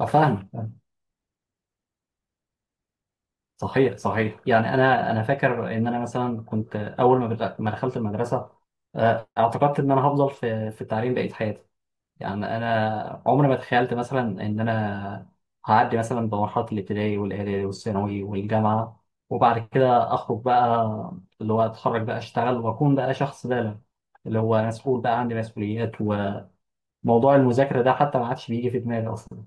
اه فاهم فاهم. صحيح صحيح، يعني انا فاكر ان انا مثلا كنت اول ما بدأ- ما دخلت المدرسه. اعتقدت ان انا هفضل في التعليم بقيه حياتي. يعني انا عمري ما تخيلت مثلا ان انا هعدي مثلا بمرحله الابتدائي والاعدادي والثانوي والجامعه، وبعد كده اخرج بقى، اللي هو اتخرج بقى اشتغل واكون بقى شخص بالغ اللي هو مسؤول، بقى عندي مسؤوليات، وموضوع المذاكره ده حتى ما عادش بيجي في دماغي اصلا.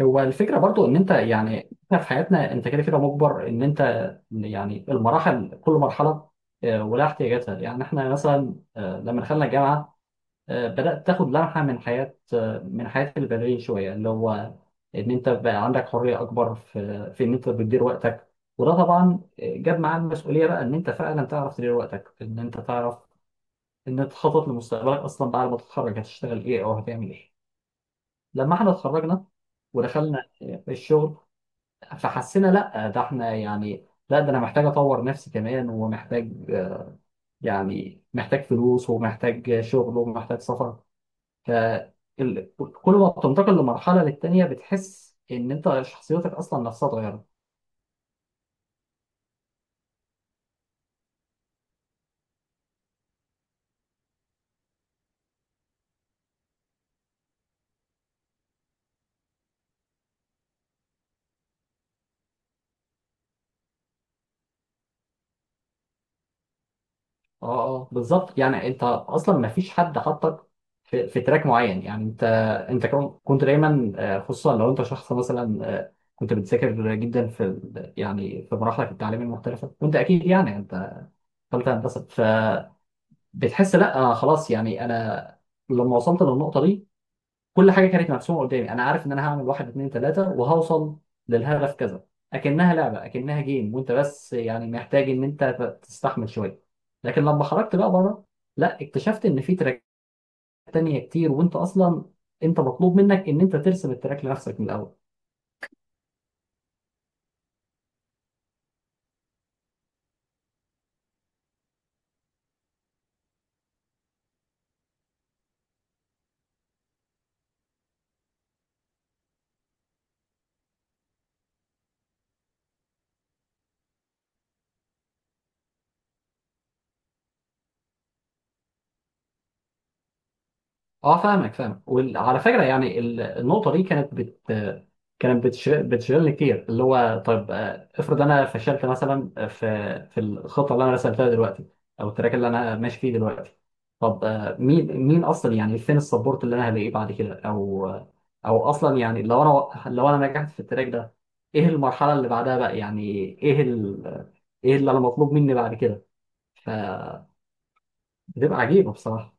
هو الفكرة برضو ان انت، يعني احنا في حياتنا انت كده كده مجبر ان انت، يعني المراحل كل مرحلة ولها احتياجاتها. يعني احنا مثلا لما دخلنا الجامعة بدأت تاخد لمحة من حياة البدرية شوية، اللي هو ان انت بقى عندك حرية اكبر في ان انت بتدير وقتك. وده طبعا جاب معاه المسؤولية، بقى ان انت فعلا تعرف تدير وقتك، ان انت تعرف ان انت تخطط لمستقبلك اصلا، بعد ما تتخرج هتشتغل ايه او هتعمل ايه. لما احنا اتخرجنا ودخلنا الشغل، فحسينا لا ده احنا، يعني لا ده انا محتاج اطور نفسي كمان ومحتاج يعني محتاج فلوس ومحتاج شغل ومحتاج سفر. ف كل ما بتنتقل للتانيه بتحس ان انت شخصيتك اصلا نفسها اتغيرت. اه اه بالظبط، يعني انت اصلا ما فيش حد حطك في تراك معين. يعني انت كنت دايما خصوصا لو انت شخص مثلا كنت بتذاكر جدا يعني في مراحلك التعليميه المختلفه، وانت اكيد يعني انت ثالثه هندسه بتحس لا خلاص، يعني انا لما وصلت للنقطه دي كل حاجه كانت مرسومه قدامي، انا عارف ان انا هعمل واحد اتنين تلاته وهوصل للهدف كذا. اكنها لعبه، اكنها جيم، وانت بس يعني محتاج ان انت تستحمل شويه. لكن لما خرجت بقى بره لا اكتشفت ان في تراك تانية كتير، وانت اصلا انت مطلوب منك ان انت ترسم التراك لنفسك من الاول. اه فاهمك فاهم. وعلى فكره يعني النقطه دي كانت بت كانت بتش- بتشغلني كتير، اللي هو طيب افرض انا فشلت مثلا في الخطه اللي انا رسمتها دلوقتي، او التراك اللي انا ماشي فيه دلوقتي. طب مين اصلا، يعني فين السبورت اللي انا هلاقيه بعد كده، او اصلا يعني لو انا نجحت في التراك ده، ايه المرحله اللي بعدها بقى؟ يعني ايه ال... ايه اللي انا مطلوب مني بعد كده؟ فبتبقى عجيبه بصراحه.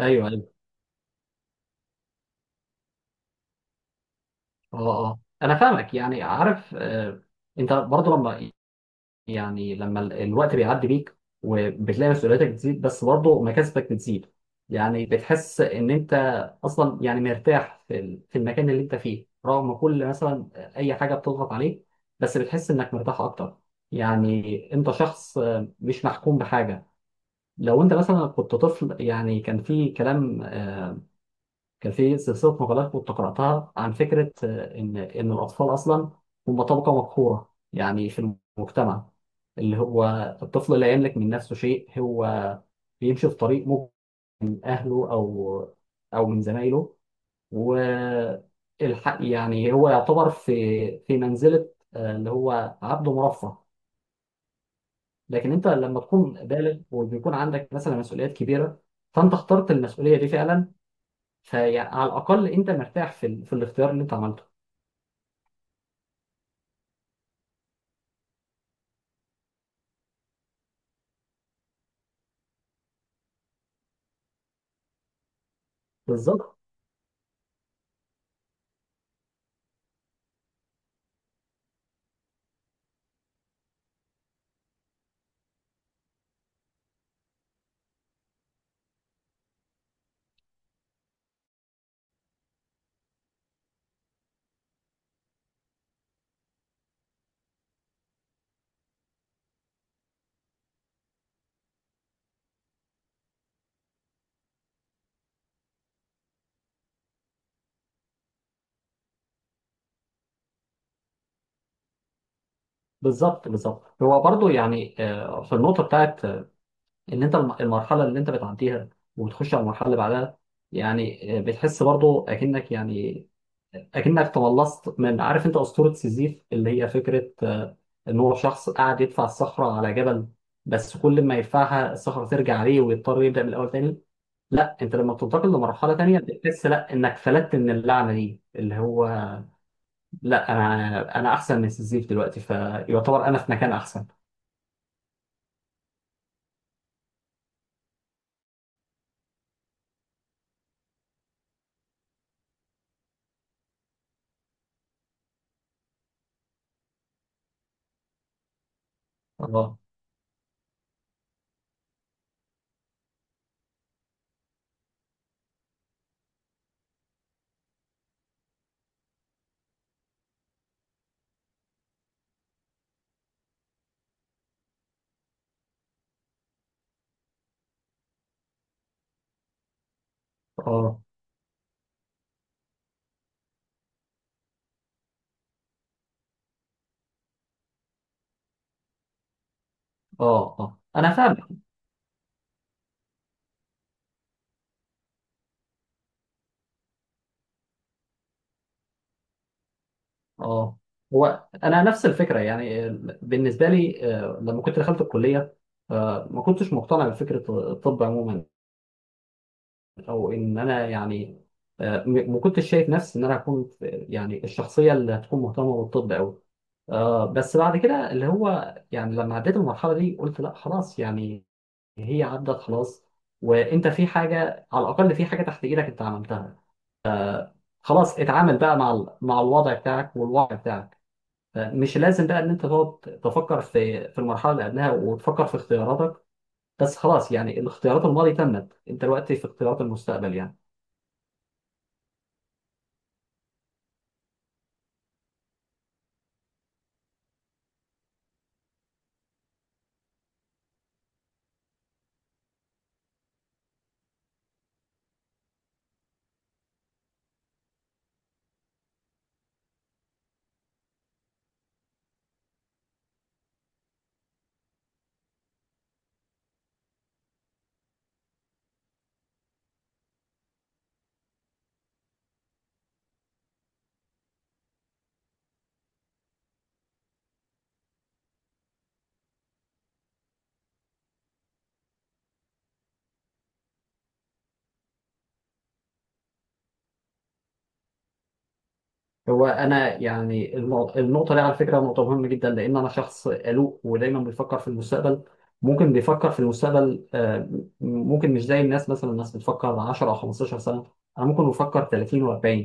ايوه أيوه. اه اه انا فاهمك، يعني عارف انت برضو لما، الوقت بيعدي بيك وبتلاقي مسؤولياتك بتزيد، بس برضو مكاسبك بتزيد. يعني بتحس ان انت اصلا يعني مرتاح في المكان اللي انت فيه، رغم كل مثلا اي حاجه بتضغط عليك، بس بتحس انك مرتاح اكتر. يعني انت شخص مش محكوم بحاجه. لو انت مثلا كنت طفل، يعني كان في كلام كان في سلسلة مقالات كنت قرأتها عن فكرة إن الأطفال أصلا هم طبقة مقهورة، يعني في المجتمع، اللي هو الطفل لا يملك من نفسه شيء، هو بيمشي في طريق ممكن من أهله، أو من زمايله، والحق يعني هو يعتبر في منزلة اللي هو عبد مرفه. لكن أنت لما تكون بالغ وبيكون عندك مثلا مسؤوليات كبيرة، فأنت اخترت المسؤولية دي فعلا، فعلى الاقل انت مرتاح في الاختيار اللي انت عملته. بالظبط، بالظبط، بالظبط. هو برضو يعني في النقطه بتاعت ان انت المرحله اللي انت بتعديها وبتخش على المرحله اللي بعدها، يعني بتحس برضو اكنك، يعني اكنك تملصت من، عارف انت اسطوره سيزيف، اللي هي فكره ان هو شخص قاعد يدفع الصخره على جبل، بس كل ما يدفعها الصخره ترجع عليه ويضطر يبدا من الاول تاني. لا انت لما بتنتقل لمرحله تانيه بتحس لا انك فلتت من اللعنه دي، اللي هو لا انا احسن من سيزيف دلوقتي، فيعتبر انا في مكان احسن. اه اه اه اه انا فاهمك اه. هو انا نفس الفكره يعني بالنسبه لي لما كنت دخلت الكليه ما كنتش مقتنع بفكره الطب عموما، او ان انا يعني ما كنتش شايف نفسي ان انا هكون يعني الشخصيه اللي هتكون مهتمه بالطب قوي. بس بعد كده اللي هو يعني لما عديت المرحلة دي قلت لا خلاص، يعني هي عدت خلاص، وانت في حاجه على الاقل، في حاجه تحت ايدك انت عملتها، خلاص اتعامل بقى مع الوضع بتاعك والواقع بتاعك. مش لازم بقى ان انت تقعد تفكر في المرحله اللي قبلها وتفكر في اختياراتك، بس خلاص، يعني الاختيارات الماضي تمت، انت دلوقتي في اختيارات المستقبل يعني. هو انا يعني النقطه دي على فكره نقطه مهمه جدا، لان انا شخص قلق ودايما بيفكر في المستقبل، ممكن بيفكر في المستقبل ممكن مش زي الناس، مثلا الناس بتفكر 10 او 15 سنه، انا ممكن بفكر 30 و40.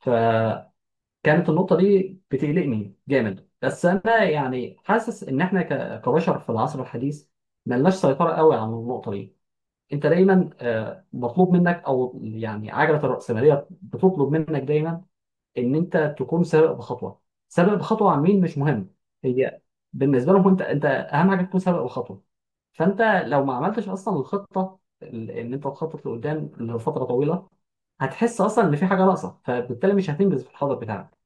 فكانت النقطه دي بتقلقني جامد، بس انا يعني حاسس ان احنا كبشر في العصر الحديث ملناش سيطره قوي على النقطه دي. انت دايما مطلوب منك، او يعني عجله الراسماليه بتطلب منك دايما ان انت تكون سابق بخطوه، سابق بخطوه عن مين مش مهم. هي بالنسبه لهم انت اهم حاجه تكون سابق بخطوه. فانت لو ما عملتش اصلا الخطه، ان انت تخطط لقدام لفتره طويله، هتحس اصلا ان في حاجه ناقصه، فبالتالي مش هتنجز في الحاضر بتاعك.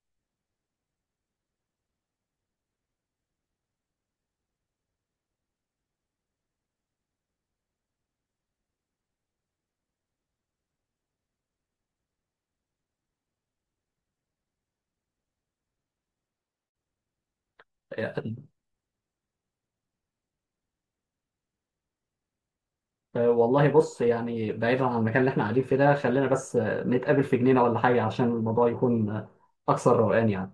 والله بص، يعني بعيدا عن المكان اللي احنا قاعدين فيه ده، خلينا بس نتقابل في جنينه ولا حاجه، عشان الموضوع يكون اكثر روقان يعني.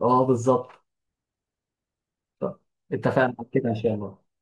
اه بالظبط. اتفقنا على كده ان شاء الله.